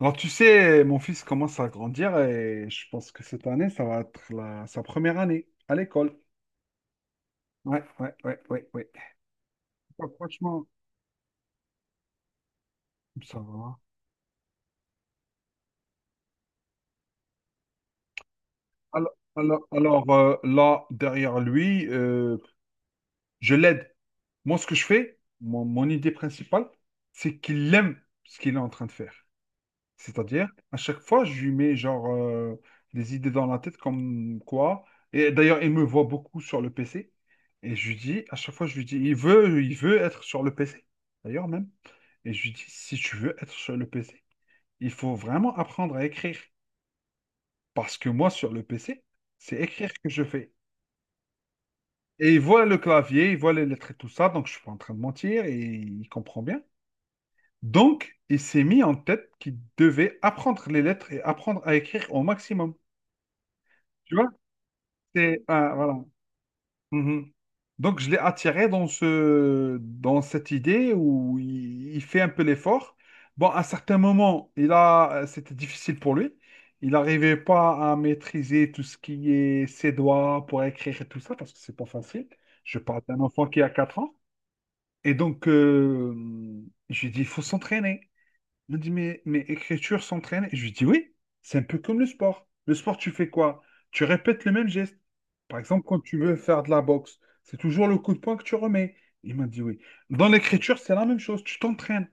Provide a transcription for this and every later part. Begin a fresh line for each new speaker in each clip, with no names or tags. Alors, tu sais, mon fils commence à grandir et je pense que cette année, ça va être sa première année à l'école. Ouais, ouais, ouais, ouais, ouais. Bah, franchement, ça va. Alors, là, derrière lui, je l'aide. Moi, ce que je fais, mon idée principale, c'est qu'il aime ce qu'il est en train de faire. C'est-à-dire, à chaque fois, je lui mets genre des idées dans la tête comme quoi. Et d'ailleurs, il me voit beaucoup sur le PC. Et je lui dis, à chaque fois, je lui dis, il veut être sur le PC. D'ailleurs même. Et je lui dis, si tu veux être sur le PC, il faut vraiment apprendre à écrire. Parce que moi, sur le PC, c'est écrire que je fais. Et il voit le clavier, il voit les lettres et tout ça, donc je suis pas en train de mentir et il comprend bien. Donc, il s'est mis en tête qu'il devait apprendre les lettres et apprendre à écrire au maximum. Tu vois? C'est, ah, voilà. Mhm. Donc, je l'ai attiré dans dans cette idée où il fait un peu l'effort. Bon, à certains moments, c'était difficile pour lui. Il n'arrivait pas à maîtriser tout ce qui est ses doigts pour écrire et tout ça, parce que c'est pas facile. Je parle d'un enfant qui a 4 ans. Et donc, je lui ai dit, il faut s'entraîner. Il me dit, mais écriture s'entraîne? Et je lui dis, oui, c'est un peu comme le sport. Le sport, tu fais quoi? Tu répètes le même geste. Par exemple, quand tu veux faire de la boxe, c'est toujours le coup de poing que tu remets. Il m'a dit, oui. Dans l'écriture, c'est la même chose. Tu t'entraînes.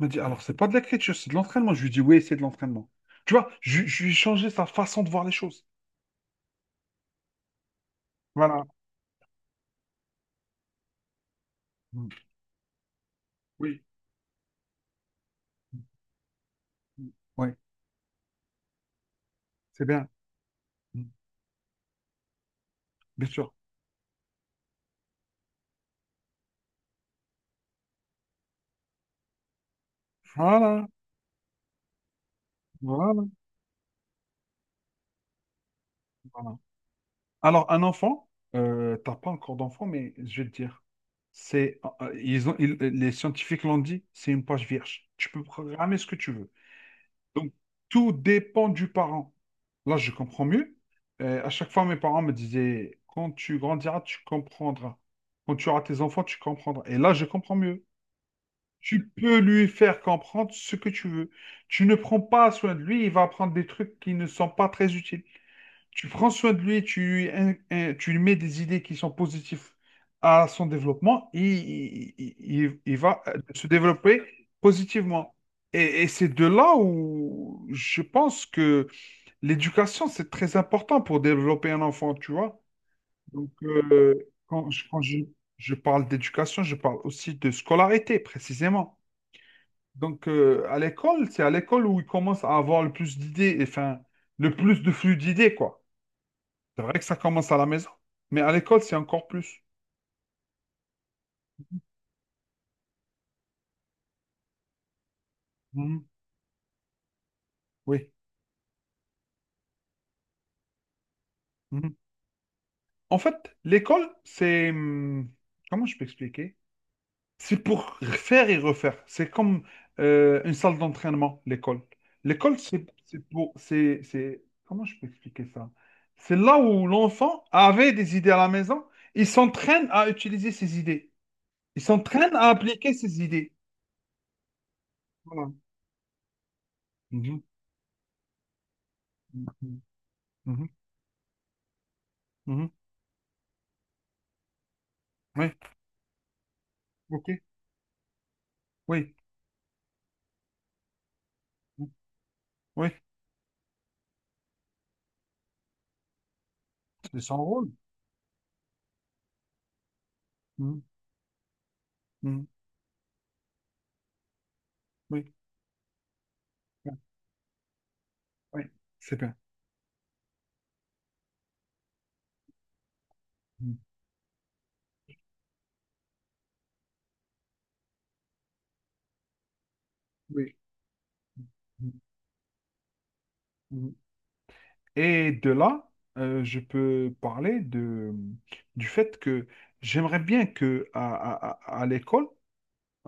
Il m'a dit, alors, c'est pas de l'écriture, c'est de l'entraînement. Je lui dis, oui, c'est de l'entraînement. Tu vois, je lui ai changé sa façon de voir les choses. Voilà. Mm. Oui. Mm. Oui, c'est bien. Mm. Bien sûr. Voilà. Voilà. Voilà. Alors, un enfant, t'as pas encore d'enfant, mais je vais te dire, c'est, les scientifiques l'ont dit, c'est une page vierge. Tu peux programmer ce que tu veux. Donc, tout dépend du parent. Là, je comprends mieux. À chaque fois, mes parents me disaient, quand tu grandiras, tu comprendras. Quand tu auras tes enfants, tu comprendras. Et là, je comprends mieux. Tu peux lui faire comprendre ce que tu veux. Tu ne prends pas soin de lui, il va apprendre des trucs qui ne sont pas très utiles. Tu prends soin de lui, tu lui mets des idées qui sont positives à son développement, il va se développer positivement. Et c'est de là où je pense que l'éducation, c'est très important pour développer un enfant, tu vois. Donc, quand je parle d'éducation, je parle aussi de scolarité, précisément. Donc, à l'école, c'est à l'école où il commence à avoir le plus d'idées, enfin, le plus de flux d'idées, quoi. C'est vrai que ça commence à la maison, mais à l'école, c'est encore plus. Mhm. Oui. Mhm. En fait, l'école, Comment je peux expliquer? C'est pour faire et refaire. C'est comme une salle d'entraînement, l'école. L'école, c'est pour... C'est... Comment je peux expliquer ça? C'est là où l'enfant avait des idées à la maison. Il s'entraîne à utiliser ses idées. Il s'entraîne à appliquer ses idées. Voilà. Mhm. Mhm. Mhm. Mhm. Oui. OK. Oui. Oui. C'est son rôle. Mhm. Mhm. Oui, oui, c'est bien. Mhm. Oui. Mhm. Mhm. Et de là, je peux parler de, du fait que j'aimerais bien que à l'école,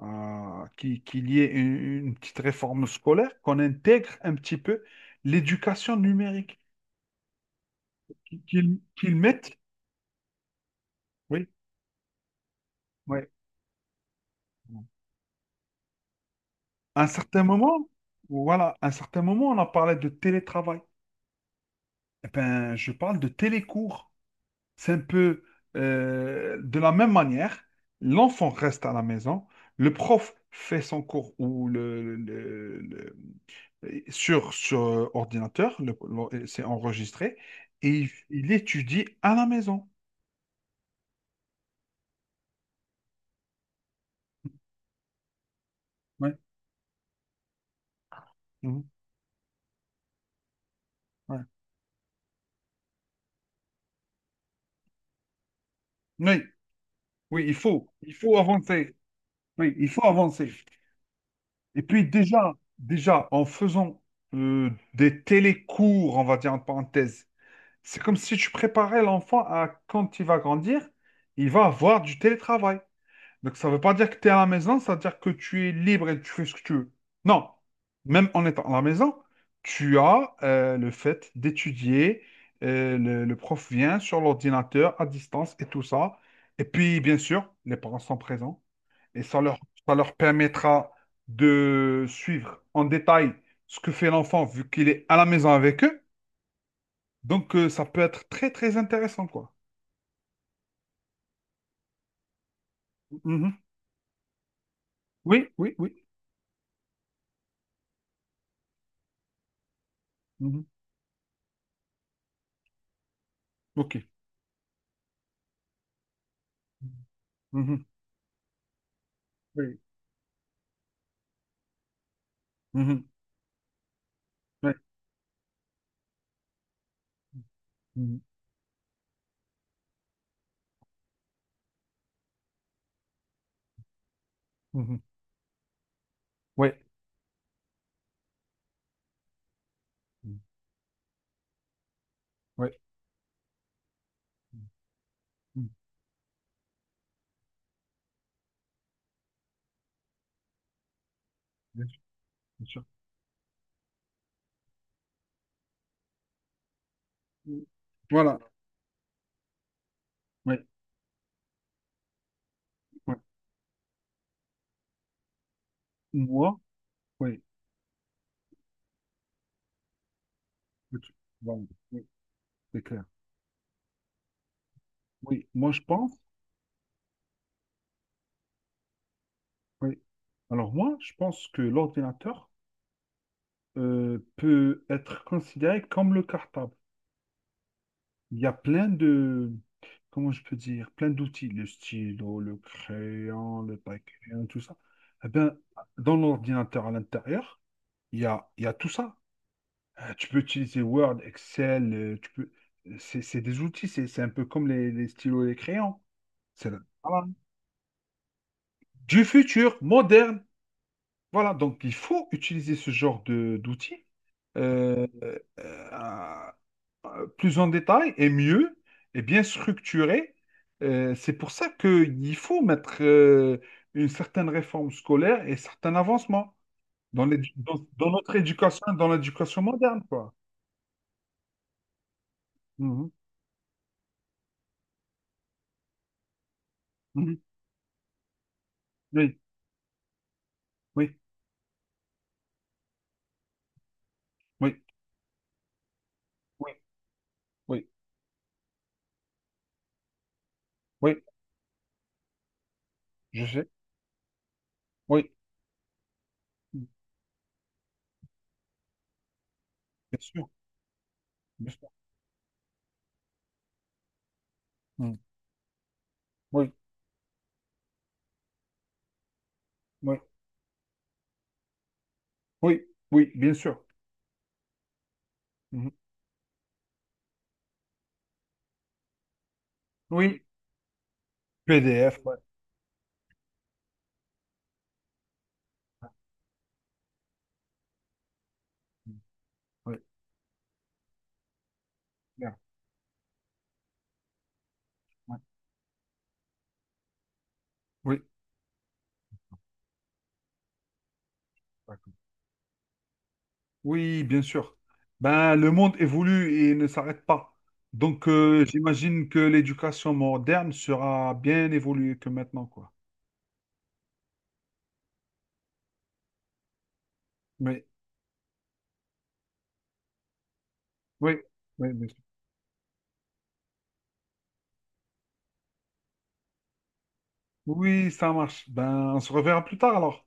qu'il y ait une petite réforme scolaire, qu'on intègre un petit peu l'éducation numérique, qu'ils mettent. Oui, oui. À un certain moment, voilà, à un certain moment, on a parlé de télétravail. Eh ben, je parle de télécours. C'est un peu de la même manière, l'enfant reste à la maison, le prof fait son cours ou sur, sur ordinateur, le- c'est enregistré, et il étudie à la maison. Ouais, mhm, ouais. Oui, oui, il faut avancer. Oui, il faut avancer. Et puis déjà, déjà, en faisant des télécours, on va dire en parenthèse, c'est comme si tu préparais l'enfant à quand il va grandir, il va avoir du télétravail. Donc ça ne veut pas dire que tu es à la maison, ça veut dire que tu es libre et tu fais ce que tu veux. Non, même en étant à la maison, tu as le fait d'étudier, le prof vient sur l'ordinateur à distance et tout ça. Et puis, bien sûr, les parents sont présents et ça leur, ça leur permettra de suivre en détail ce que fait l'enfant vu qu'il est à la maison avec eux. Donc, ça peut être très, très intéressant, quoi. Mhm. Oui, oui, oui. Mhm. OK. Mhm. Oui. Mhm. Ouais. Mhm. Mhm. Ouais. Mhm. Ouais. Mhm. Bien sûr, bien sûr. Mhm. Voilà. Oui. Ouais. Moi, oui. Ok. Bon, oui, c'est clair. Oui, moi, je pense. Oui. Alors, moi, je pense que l'ordinateur peut être considéré comme le cartable. Il y a plein de, comment je peux dire, plein d'outils, le stylo, le crayon, le papier, tout ça. Eh bien, dans l'ordinateur à l'intérieur, il y a tout ça. Tu peux utiliser Word, Excel, c'est des outils, c'est un peu comme les stylos et les crayons. Voilà. Du futur, moderne. Voilà, donc il faut utiliser ce genre de d'outils euh, euh, plus en détail et mieux et bien structuré. C'est pour ça qu'il faut mettre une certaine réforme scolaire et certains avancements dans notre éducation, dans l'éducation moderne, quoi. Mhm, mhm. Oui, oui, oui, oui, oui, oui, je sais, oui, bien sûr, bien sûr. Mhm. Oui, oui, oui, oui, bien sûr. Mhm. Oui, PDF, ouais. Ouais. Oui, bien, ouais. Oui, d'accord. Oui, bien sûr. Ben, le monde évolue et ne s'arrête pas. Donc, j'imagine que l'éducation moderne sera bien évoluée que maintenant, quoi. Mais, oui, oui, bien sûr. Oui, ça marche. Ben, on se reverra plus tard alors.